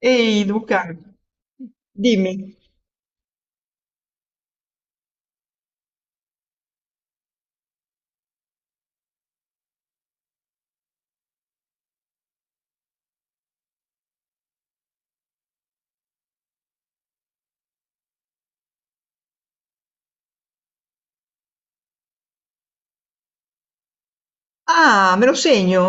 Ehi Luca, dimmi. Ah, me lo segno?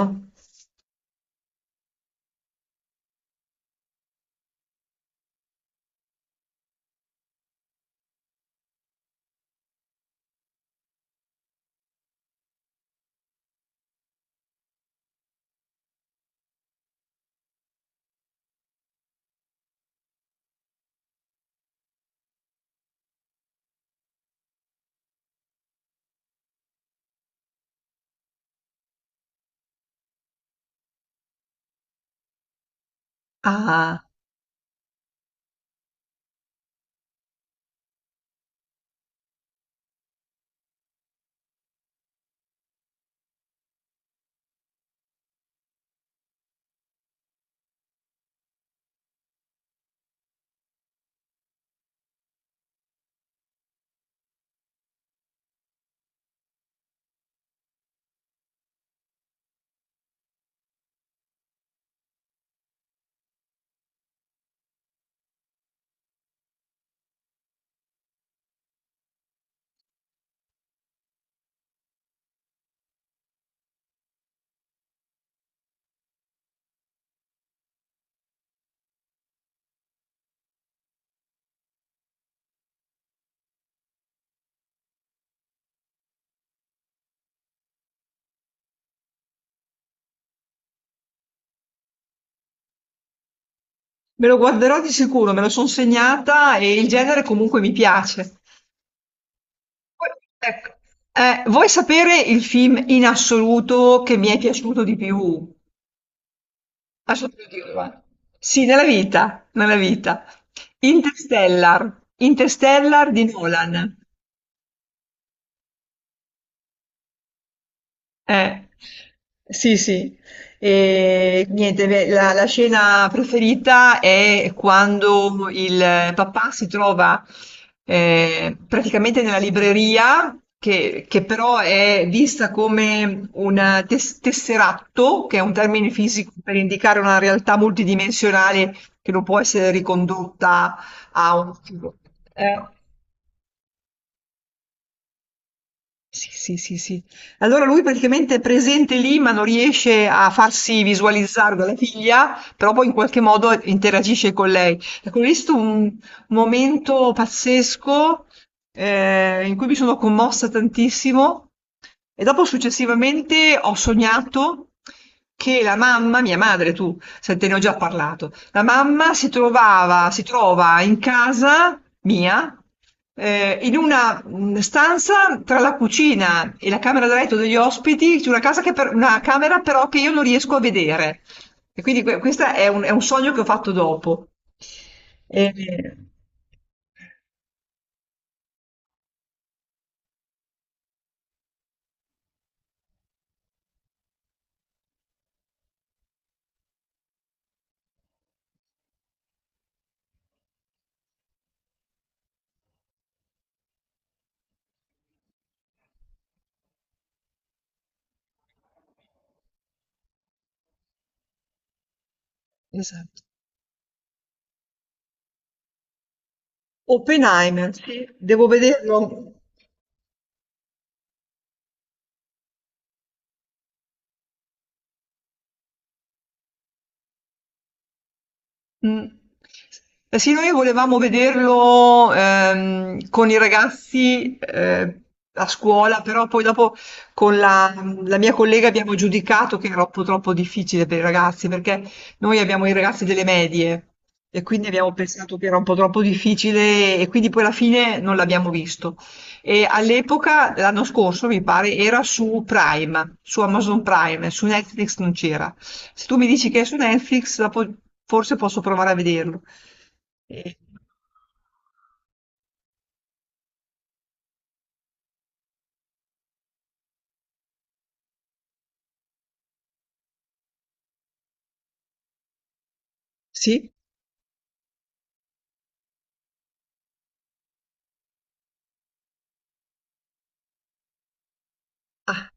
Ah, me lo guarderò di sicuro, me lo sono segnata e il genere comunque mi piace. Poi, ecco, vuoi sapere il film in assoluto che mi è piaciuto di più? Adesso te lo dico, va. Sì, nella vita, nella vita. Interstellar, Interstellar di Nolan. Eh, sì, sì. E niente, beh, la scena preferita è quando il papà si trova praticamente nella libreria, che però è vista come un tesseratto, che è un termine fisico per indicare una realtà multidimensionale che non può essere ricondotta a un... Eh, Sì, sì, sì, sì. Allora lui praticamente è presente lì, ma non riesce a farsi visualizzare dalla figlia, però poi in qualche modo interagisce con lei. Ecco, ho visto un momento pazzesco in cui mi sono commossa tantissimo e dopo successivamente ho sognato che la mamma, mia madre, tu, senti, ne ho già parlato. La mamma si trova in casa mia, in una stanza tra la cucina e la camera da letto degli ospiti, c'è una casa che una camera però che io non riesco a vedere. E quindi questo è è un sogno che ho fatto dopo. E- esatto. Oppenheimer, sì, devo vederlo. Mh. Eh sì, noi volevamo vederlo, con i ragazzi, a scuola, però poi dopo con la mia collega abbiamo giudicato che era troppo troppo difficile per i ragazzi, perché noi abbiamo i ragazzi delle medie e quindi abbiamo pensato che era un po' troppo difficile e quindi poi alla fine non l'abbiamo visto. E all'epoca, l'anno scorso mi pare, era su Prime, su Amazon Prime, su Netflix non c'era. Se tu mi dici che è su Netflix, dopo forse posso provare a vederlo. Eh, sì? Ah,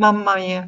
mamma mia.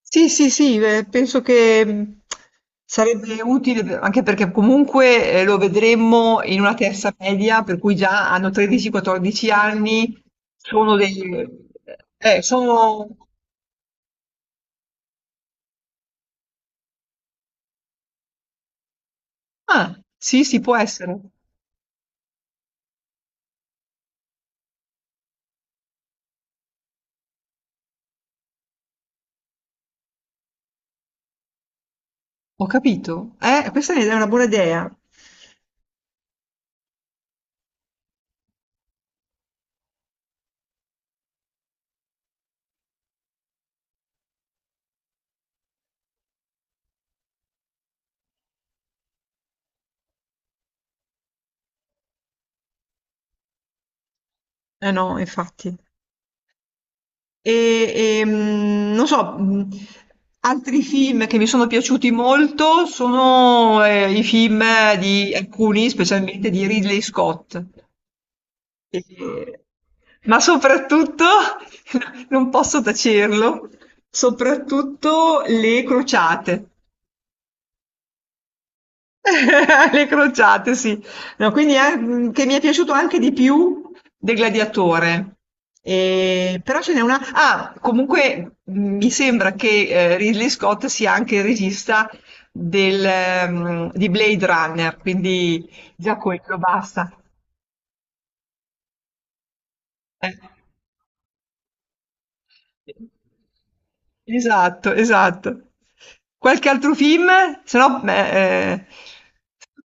Sì, sì, sì, penso che sarebbe utile anche perché comunque lo vedremmo in una terza media, per cui già hanno 13-14 anni, sono dei... sono. Ah, sì, sì, può essere. Ho capito. Questa è una buona idea. Eh no, infatti. Non so, altri film che mi sono piaciuti molto sono i film di alcuni, specialmente di Ridley Scott. E- ma soprattutto, non posso tacerlo, soprattutto Le Crociate. Le crociate, sì. No, quindi che mi è piaciuto anche di più del Gladiatore. Però ce n'è una. Ah, comunque mi sembra che Ridley Scott sia anche il regista di Blade Runner, quindi già quello basta. Eh. Esatto, esatto. Qualche altro film? Se no,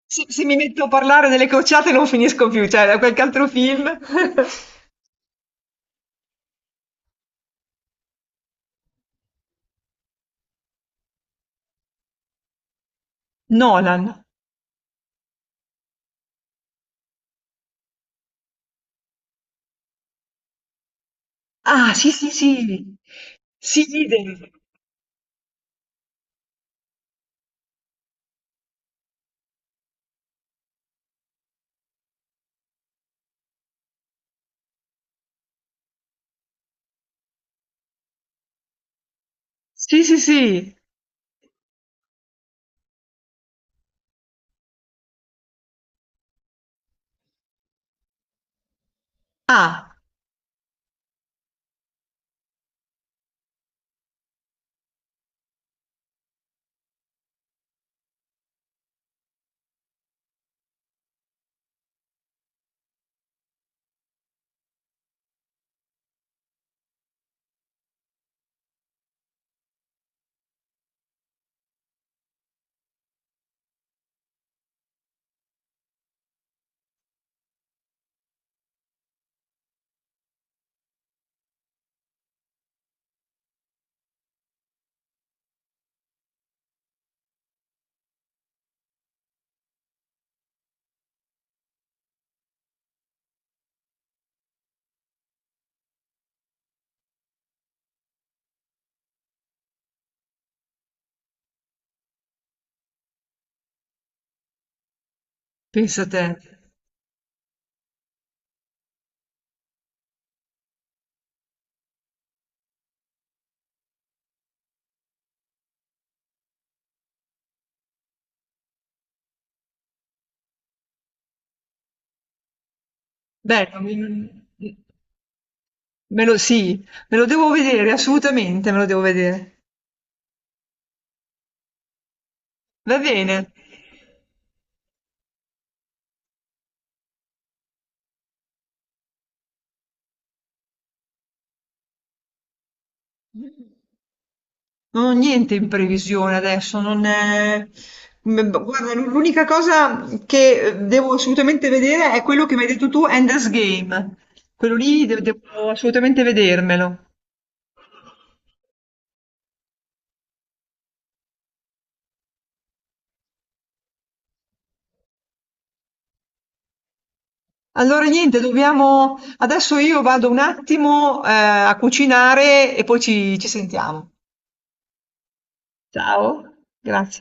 se, se mi metto a parlare delle cocciate non finisco più, cioè, da qualche altro film? Nolan. Ah, sì, sì, sì. Sì, idem. Sì, sì, sì, sì. Ah, pensa te. Beh, non mi- me lo, sì, me lo devo vedere, assolutamente me lo devo vedere. Va bene. Non ho niente in previsione adesso, non è... Guarda, l'unica cosa che devo assolutamente vedere è quello che mi hai detto tu, Ender's Game. Quello lì devo assolutamente vedermelo. Allora niente, dobbiamo... Adesso io vado un attimo a cucinare e poi ci sentiamo. Ciao, grazie.